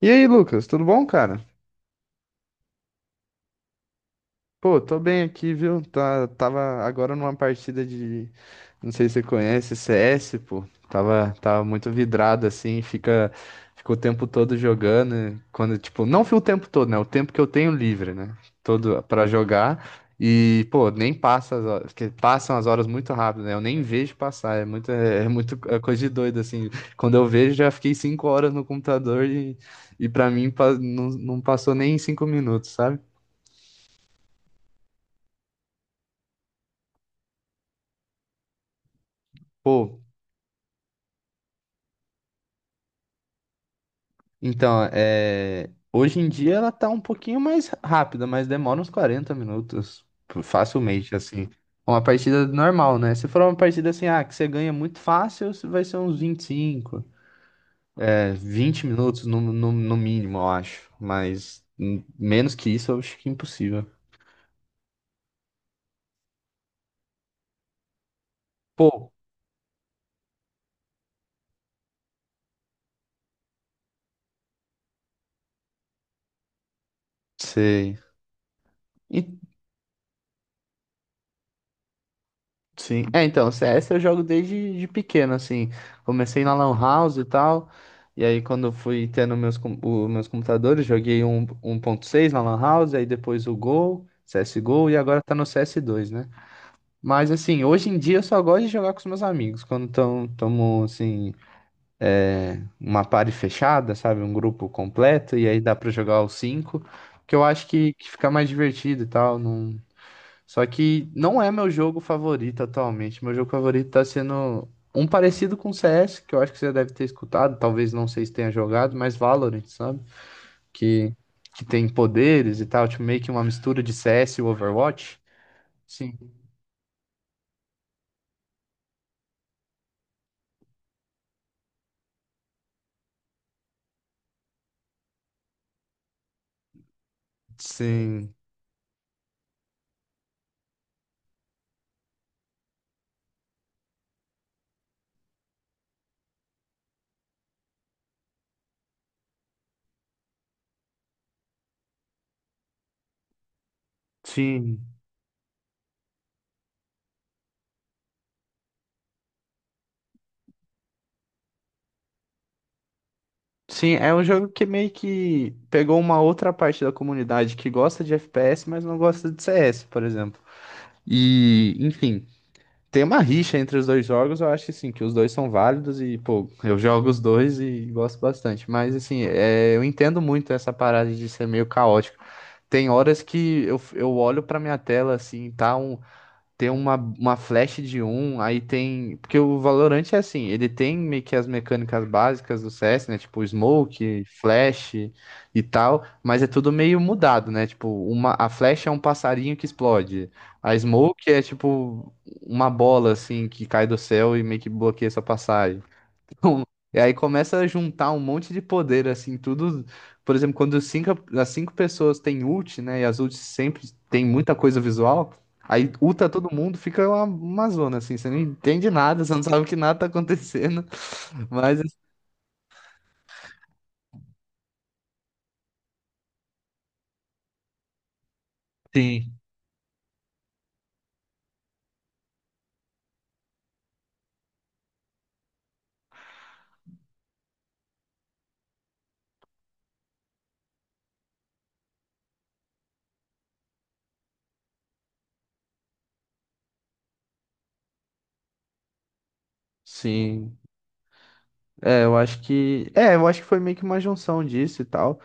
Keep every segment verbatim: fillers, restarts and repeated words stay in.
E aí, Lucas, tudo bom, cara? Pô, tô bem aqui, viu? Tá, tava agora numa partida de, não sei se você conhece, C S, pô. Tava, tava muito vidrado assim, fica, fica o tempo todo jogando, né? Quando tipo, não fui o tempo todo, né? O tempo que eu tenho livre, né? Todo pra jogar e, pô, nem passa as horas, porque passam as horas muito rápido, né? Eu nem vejo passar, é muito, é é muito é coisa de doido assim. Quando eu vejo, já fiquei cinco horas no computador e, e para mim pa- não, não passou nem cinco minutos, sabe? Pô. Então, é... hoje em dia ela tá um pouquinho mais rápida, mas demora uns quarenta minutos, p- facilmente, assim. Uma partida normal, né? Se for uma partida assim, ah, que você ganha muito fácil, você vai ser uns vinte e cinco, é, vinte minutos no, no, no mínimo, eu acho. Mas hum, menos que isso, eu acho que é impossível. Pô. Sei. Sim. É, então, C S eu jogo desde de pequeno, assim. Comecei na Lan House e tal. E aí, quando eu fui tendo meus, com- o- meus computadores, joguei um um ponto seis na Lan House, aí depois o Go, C S G O, e agora tá no c s dois, né? Mas, assim, hoje em dia eu só gosto de jogar com os meus amigos. Quando tão, tamo, assim, é, uma party fechada, sabe? Um grupo completo, e aí dá pra jogar os cinco, que eu acho que, que fica mais divertido e tal. Não, só que não é meu jogo favorito atualmente. Meu jogo favorito tá sendo um parecido com C S, que eu acho que você deve ter escutado, talvez não sei se tenha jogado, mas Valorant, sabe? Que, que tem poderes e tal, tipo, meio que uma mistura de C S e Overwatch. Sim, sim, sim. Sim, é um jogo que meio que pegou uma outra parte da comunidade que gosta de F P S, mas não gosta de C S, por exemplo. E, enfim, tem uma rixa entre os dois jogos, eu acho assim, que os dois são válidos e, pô, eu jogo os dois e gosto bastante. Mas, assim, é, eu entendo muito essa parada de ser meio caótico. Tem horas que eu, eu olho pra minha tela, assim, tá um, tem uma, uma flash de um, aí tem. Porque o Valorant é assim, ele tem meio que as mecânicas básicas do C S, né? Tipo, smoke, flash e tal, mas é tudo meio mudado, né? Tipo, uma... a flash é um passarinho que explode. A smoke é tipo uma bola assim que cai do céu e meio que bloqueia sua passagem. E aí começa a juntar um monte de poder, assim, tudo. Por exemplo, quando os cinco, as cinco pessoas têm ult, né? E as ults sempre tem muita coisa visual. Aí ulta todo mundo, fica uma, uma zona, assim. Você não entende nada, você não sabe que nada tá acontecendo. Mas, assim, sim. É, eu acho que. É, eu acho que foi meio que uma junção disso e tal.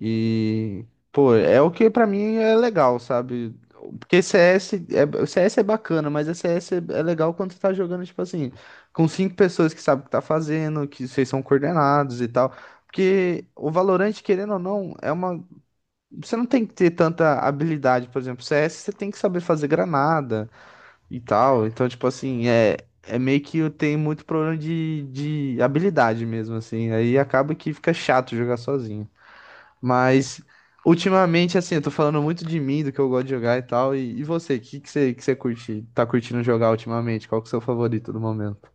E, pô, é o que pra mim é legal, sabe? Porque C S é, o C S é bacana, mas a C S é, é legal quando você tá jogando, tipo assim, com cinco pessoas que sabem o que tá fazendo, que vocês são coordenados e tal. Porque o Valorant, querendo ou não, é uma. Você não tem que ter tanta habilidade, por exemplo, C S, você tem que saber fazer granada e tal. Então, tipo assim, é, é meio que tem muito problema de, de habilidade mesmo, assim. Aí acaba que fica chato jogar sozinho. Mas ultimamente, assim, eu tô falando muito de mim, do que eu gosto de jogar e tal. E, e você, o que que você, que você curte, tá curtindo jogar ultimamente? Qual que é o seu favorito do momento?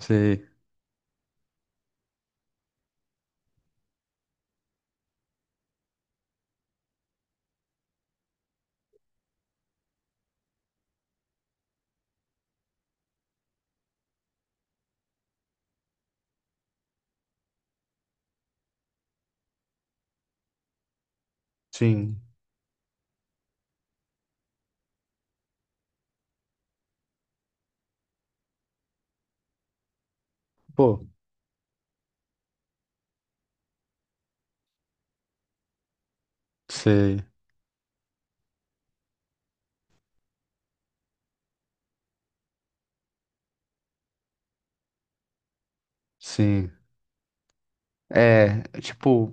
Sei, sim, pô, sei, sim. É, tipo,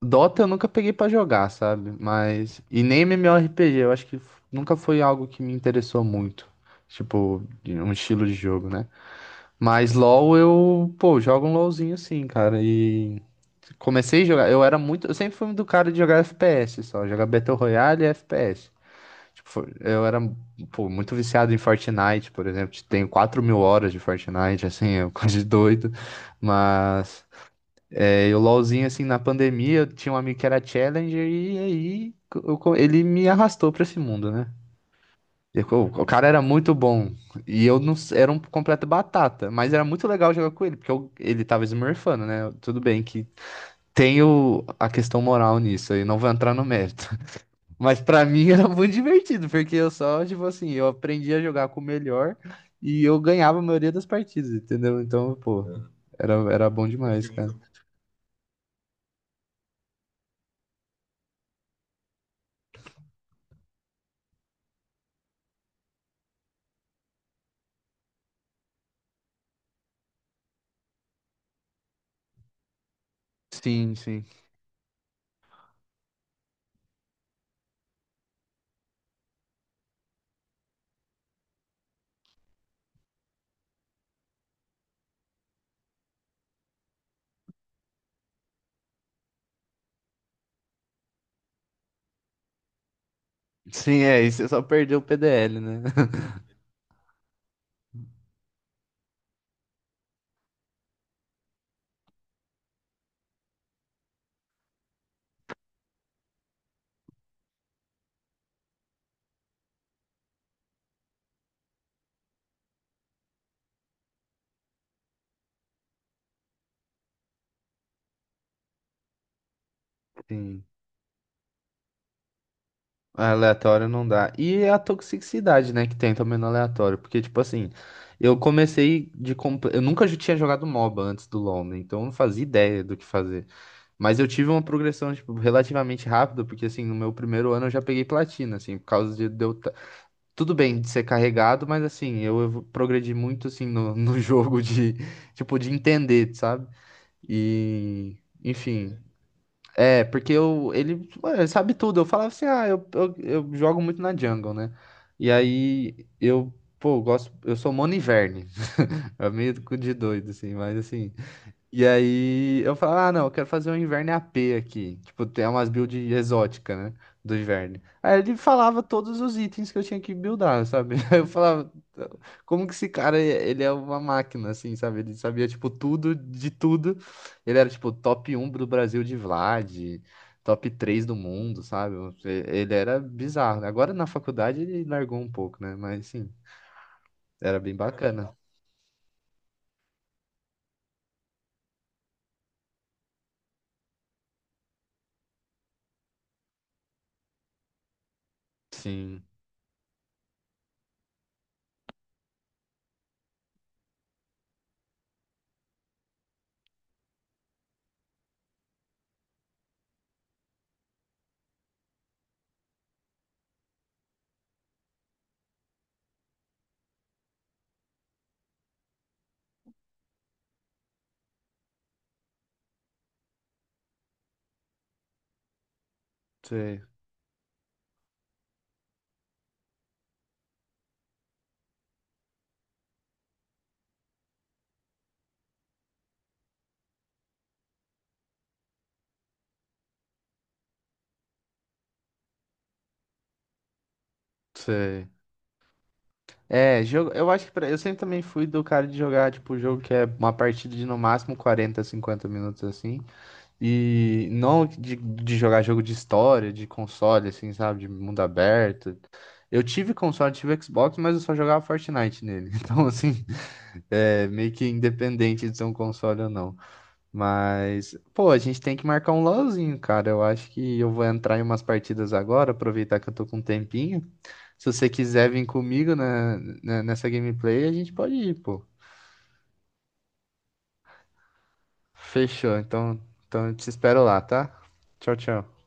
Dota eu nunca peguei pra jogar, sabe? Mas. E nem MMORPG, eu acho que f- nunca foi algo que me interessou muito. Tipo, de um estilo de jogo, né? Mas LoL eu, pô, jogo um LoLzinho assim, cara. E comecei a jogar, eu era muito, eu sempre fui do cara de jogar F P S só, jogar Battle Royale e F P S. Tipo, foi- eu era, pô, muito viciado em Fortnite, por exemplo, tenho quatro mil horas de Fortnite, assim, é coisa de doido, mas é, eu LoLzinho, assim, na pandemia, eu tinha um amigo que era Challenger e aí eu co- ele me arrastou pra esse mundo, né? E O o cara era muito bom e eu não s- era um completo batata, mas era muito legal jogar com ele, porque eu- ele tava smurfando, né? Tudo bem que tem o- a questão moral nisso aí, não vou entrar no mérito. Mas pra mim era muito divertido, porque eu só, tipo assim, eu aprendi a jogar com o melhor e eu ganhava a maioria das partidas, entendeu? Então, pô. Aham. era, era bom demais, cara. Divertido. Sim, sim. Sim, é, e você só perdeu o P D L, né? Sim. Aleatório não dá. E a toxicidade, né, que tem também no aleatório. Porque, tipo assim, eu comecei de. comp- Eu nunca tinha jogado MOBA antes do LoL, né? Então eu não fazia ideia do que fazer. Mas eu tive uma progressão, tipo, relativamente rápida, porque, assim, no meu primeiro ano eu já peguei platina, assim, por causa de, de eu... ta- Tudo bem de ser carregado, mas, assim, eu evo- progredi muito, assim, no, no jogo de, tipo, de entender, sabe? E, enfim. É, porque eu, ele, ué, sabe tudo. Eu falava assim, ah, eu, eu, eu jogo muito na jungle, né? E aí, eu, pô, eu gosto... Eu sou mono inverne. É meio de doido, assim, mas, assim... E aí eu falo, ah, não, eu quero fazer um inverno A P aqui. Tipo, tem umas builds exóticas, né? Do inverno. Aí ele falava todos os itens que eu tinha que buildar, sabe? Aí eu falava, como que esse cara, é- ele é uma máquina, assim, sabe? Ele sabia, tipo, tudo de tudo. Ele era, tipo, top um do Brasil de Vlad, top três do mundo, sabe? Ele era bizarro. né? Agora na faculdade ele largou um pouco, né? Mas, sim, era bem bacana. Sim, sei, sei. É, jogo, eu acho que pra- eu sempre também fui do cara de jogar, tipo, jogo que é uma partida de no máximo quarenta, cinquenta minutos assim. E não de, de jogar jogo de história, de console, assim, sabe? De mundo aberto. Eu tive console, tive Xbox, mas eu só jogava Fortnite nele. Então, assim, é meio que independente de ser um console ou não. Mas, pô, a gente tem que marcar um LOLzinho, cara. Eu acho que eu vou entrar em umas partidas agora, aproveitar que eu tô com um tempinho. Se você quiser vir comigo na, na- nessa gameplay, a gente pode ir, pô. Fechou. Então, então eu te espero lá, tá? Tchau, tchau.